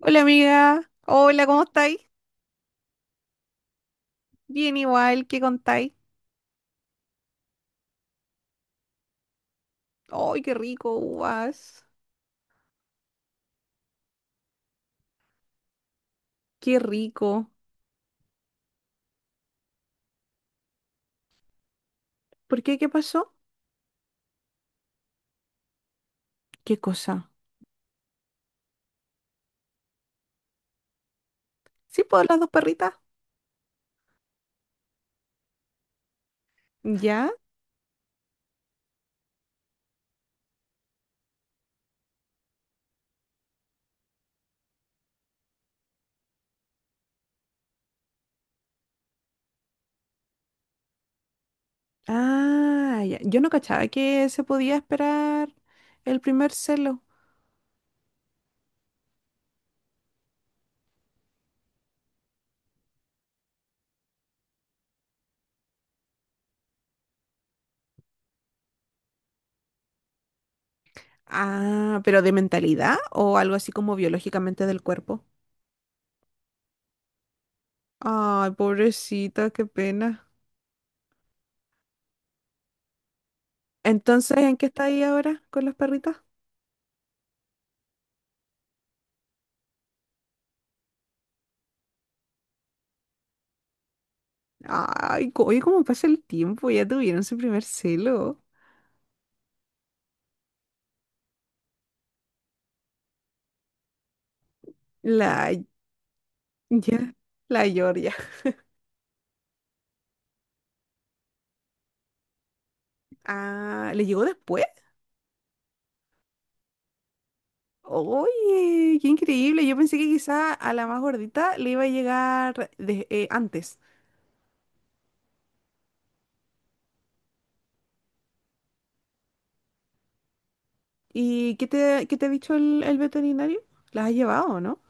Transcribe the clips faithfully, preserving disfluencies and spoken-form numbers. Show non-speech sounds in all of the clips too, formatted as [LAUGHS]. Hola amiga, hola, ¿cómo estáis? Bien igual, ¿qué contáis? ¡Ay, qué rico, uvas! ¡Qué rico! ¿Por qué? ¿Qué pasó? ¿Qué cosa? ¿Sí puedo las dos perritas? ¿Ya? Ah, ya. Yo no cachaba que se podía esperar el primer celo. Ah, pero de mentalidad o algo así como biológicamente del cuerpo. Ay, pobrecita, qué pena. Entonces, ¿en qué estáis ahora con las perritas? Ay, co- oye, cómo pasa el tiempo, ya tuvieron su primer celo. La ya, la Georgia. Ah, ¿le llegó después? Oye, qué increíble. Yo pensé que quizá a la más gordita le iba a llegar de- eh, antes. ¿Y qué te, qué te ha dicho el, el veterinario? ¿Las has llevado, no?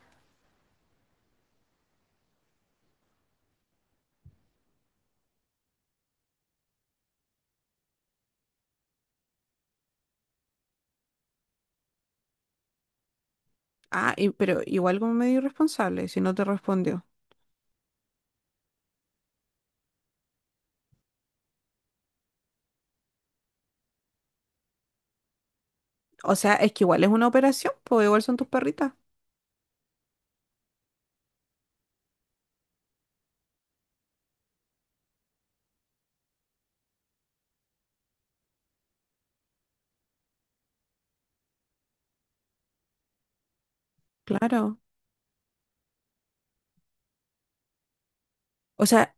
Ah, y- pero igual como medio irresponsable si no te respondió. O sea, es que igual es una operación, pues igual son tus perritas. Claro. O sea,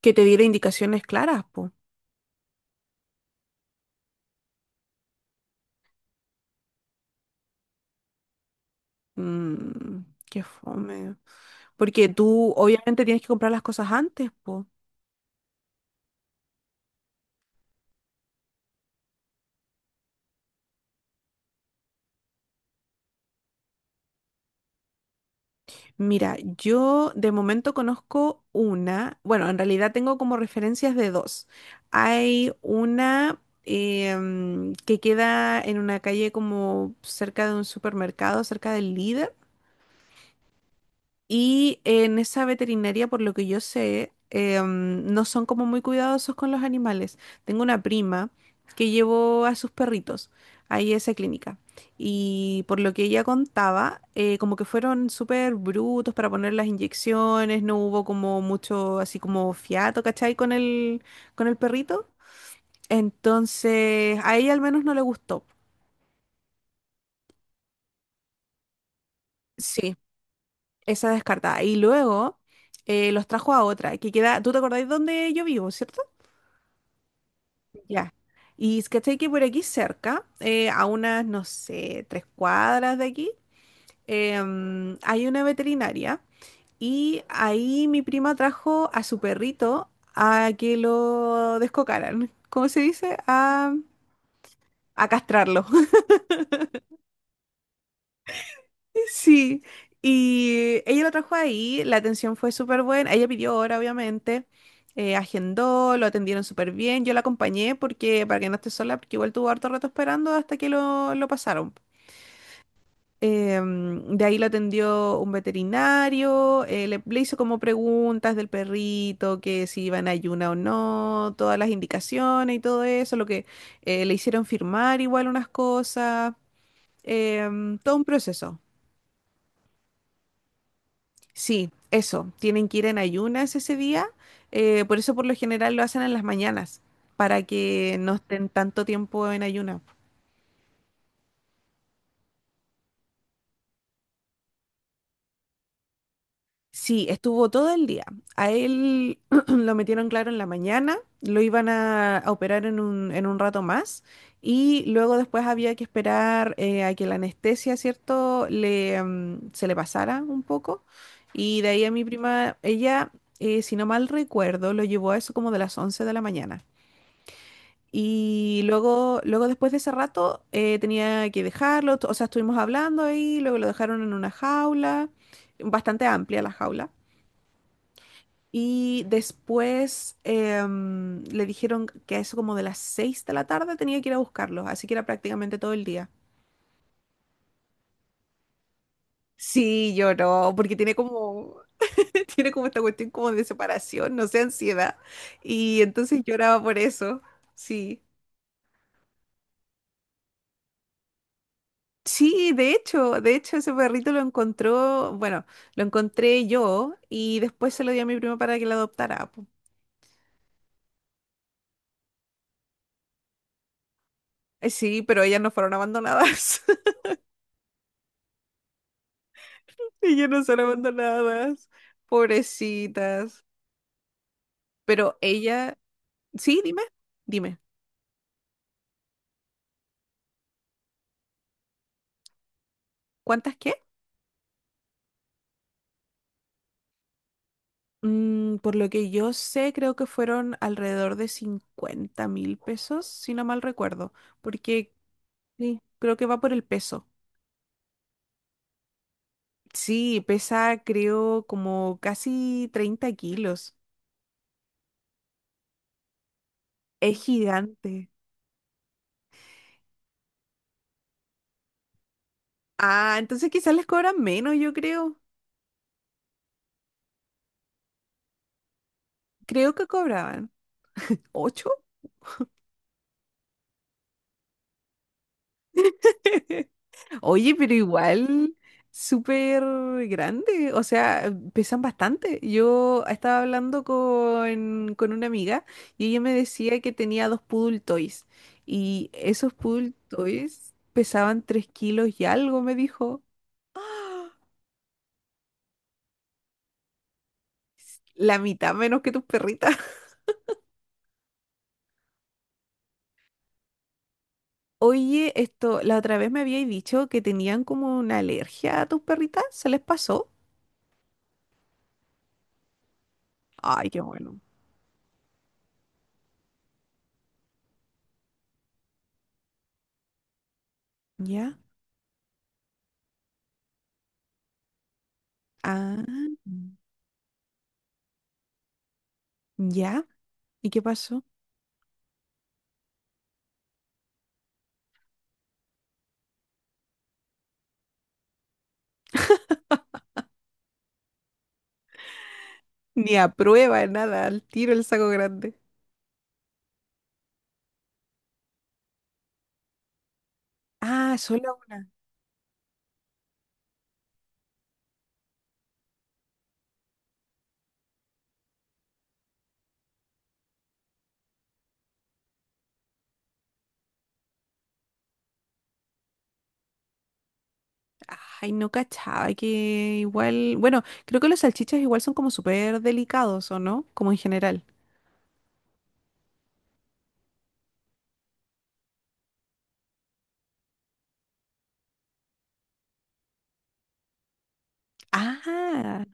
que te diera indicaciones claras, pues. Mmm, qué fome. Porque tú obviamente tienes que comprar las cosas antes, pues. Mira, yo de momento conozco una, bueno, en realidad tengo como referencias de dos. Hay una em, que queda en una calle como cerca de un supermercado, cerca del líder. Y en esa veterinaria, por lo que yo sé, eh, mm, no son como muy cuidadosos con los animales. Tengo una prima que llevó a sus perritos ahí a esa clínica. Y por lo que ella contaba, eh, como que fueron súper brutos para poner las inyecciones, no hubo como mucho así como fiato, ¿cachai? Con el, con el perrito. Entonces, a ella al menos no le gustó. Sí, esa descartada. Y luego eh, los trajo a otra, que queda, ¿tú te acordáis dónde yo vivo, cierto? Ya. Y es ¿cachai? Que por aquí cerca, eh, a unas, no sé, tres cuadras de aquí, em, hay una veterinaria y ahí mi prima trajo a su perrito a que lo descocaran. ¿Cómo se dice? A, a castrarlo. [LAUGHS] Sí. Y ella lo trajo ahí, la atención fue súper buena. Ella pidió hora, obviamente. eh, agendó, lo atendieron súper bien. Yo la acompañé porque, para que no esté sola, porque igual tuvo harto rato esperando hasta que lo, lo pasaron. Em, de ahí lo atendió un veterinario, eh, le, le hizo como preguntas del perrito, que si iba en ayuna o no, todas las indicaciones y todo eso, lo que eh, le hicieron firmar igual unas cosas, em, todo un proceso. Sí, eso, tienen que ir en ayunas ese día, eh, por eso por lo general lo hacen en las mañanas, para que no estén tanto tiempo en ayuna. Sí, estuvo todo el día. A él [CLEARS THROAT] lo metieron claro en la mañana, lo iban a, a operar en un, en un rato más y luego después había que esperar eh, a que la anestesia, ¿cierto?, le, mm, se le pasara un poco. Y de ahí a mi prima, ella, eh, si no mal recuerdo, lo llevó a eso como de las once de la mañana. Y luego, luego después de ese rato, eh, tenía que dejarlo, o sea, estuvimos hablando ahí, luego lo dejaron en una jaula, bastante amplia la jaula. Y después em, le dijeron que a eso como de las seis de la tarde tenía que ir a buscarlos, así que era prácticamente todo el día. Sí, lloró, porque tiene como, [LAUGHS] tiene como esta cuestión como de separación, no sé, ansiedad. Y entonces lloraba por eso, sí. Sí, de hecho, de hecho ese perrito lo encontró, bueno, lo encontré yo y después se lo di a mi prima para que la adoptara. Po. Eh, Sí, pero ellas no fueron abandonadas. [LAUGHS] Ellas no son abandonadas. Pobrecitas. Pero ella, sí, dime, dime, ¿cuántas qué? Mm, por lo que yo sé, creo que fueron alrededor de cincuenta mil pesos, si no mal recuerdo, porque sí, creo que va por el peso. Sí, pesa creo como casi treinta kilos. Es gigante. Ah, entonces quizás les cobran menos, yo creo. Creo que cobraban. ¿Ocho? Oye, pero igual súper grande, o sea, pesan bastante. Yo estaba hablando con, con una amiga y ella me decía que tenía dos poodle toys y esos poodle toys pesaban tres kilos y algo, me dijo. ¡Ah! La mitad menos que tus perritas. [LAUGHS] Oye, esto, la otra vez me habíais dicho que tenían como una alergia a tus perritas, ¿se les pasó? Ay, qué bueno. ¿Ya? Ah, ¿ya? ¿Y qué pasó? Ni a prueba, nada, al tiro el saco grande. Ah, solo una. Ay, no cachaba que igual. Bueno, creo que los salchichas igual son como súper delicados, ¿o no? Como en general. Ah,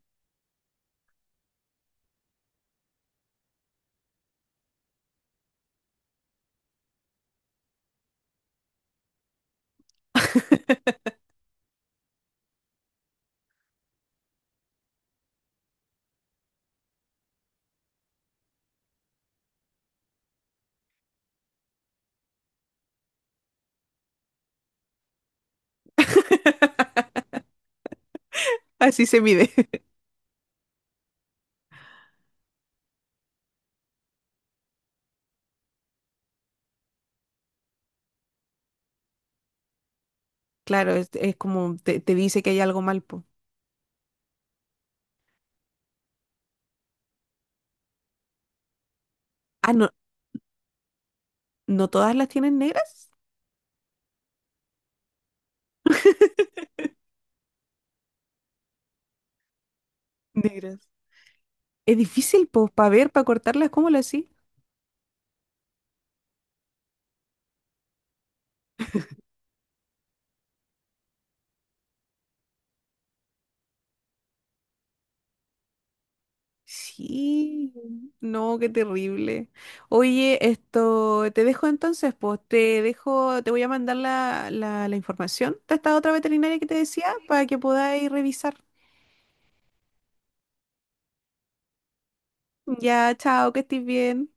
[LAUGHS] así se mide. [LAUGHS] Claro, es, es como te, te dice que hay algo mal, po. Ah, no, ¿no todas las tienen negras? [LAUGHS] Negras. Es difícil, pues, para ver, para cortarlas, ¿cómo lo hacís? Sí, no, qué terrible. Oye, esto, te dejo entonces, pues te dejo, te voy a mandar la, la, la información de esta otra veterinaria que te decía para que podáis revisar. Ya, chao, que estés bien.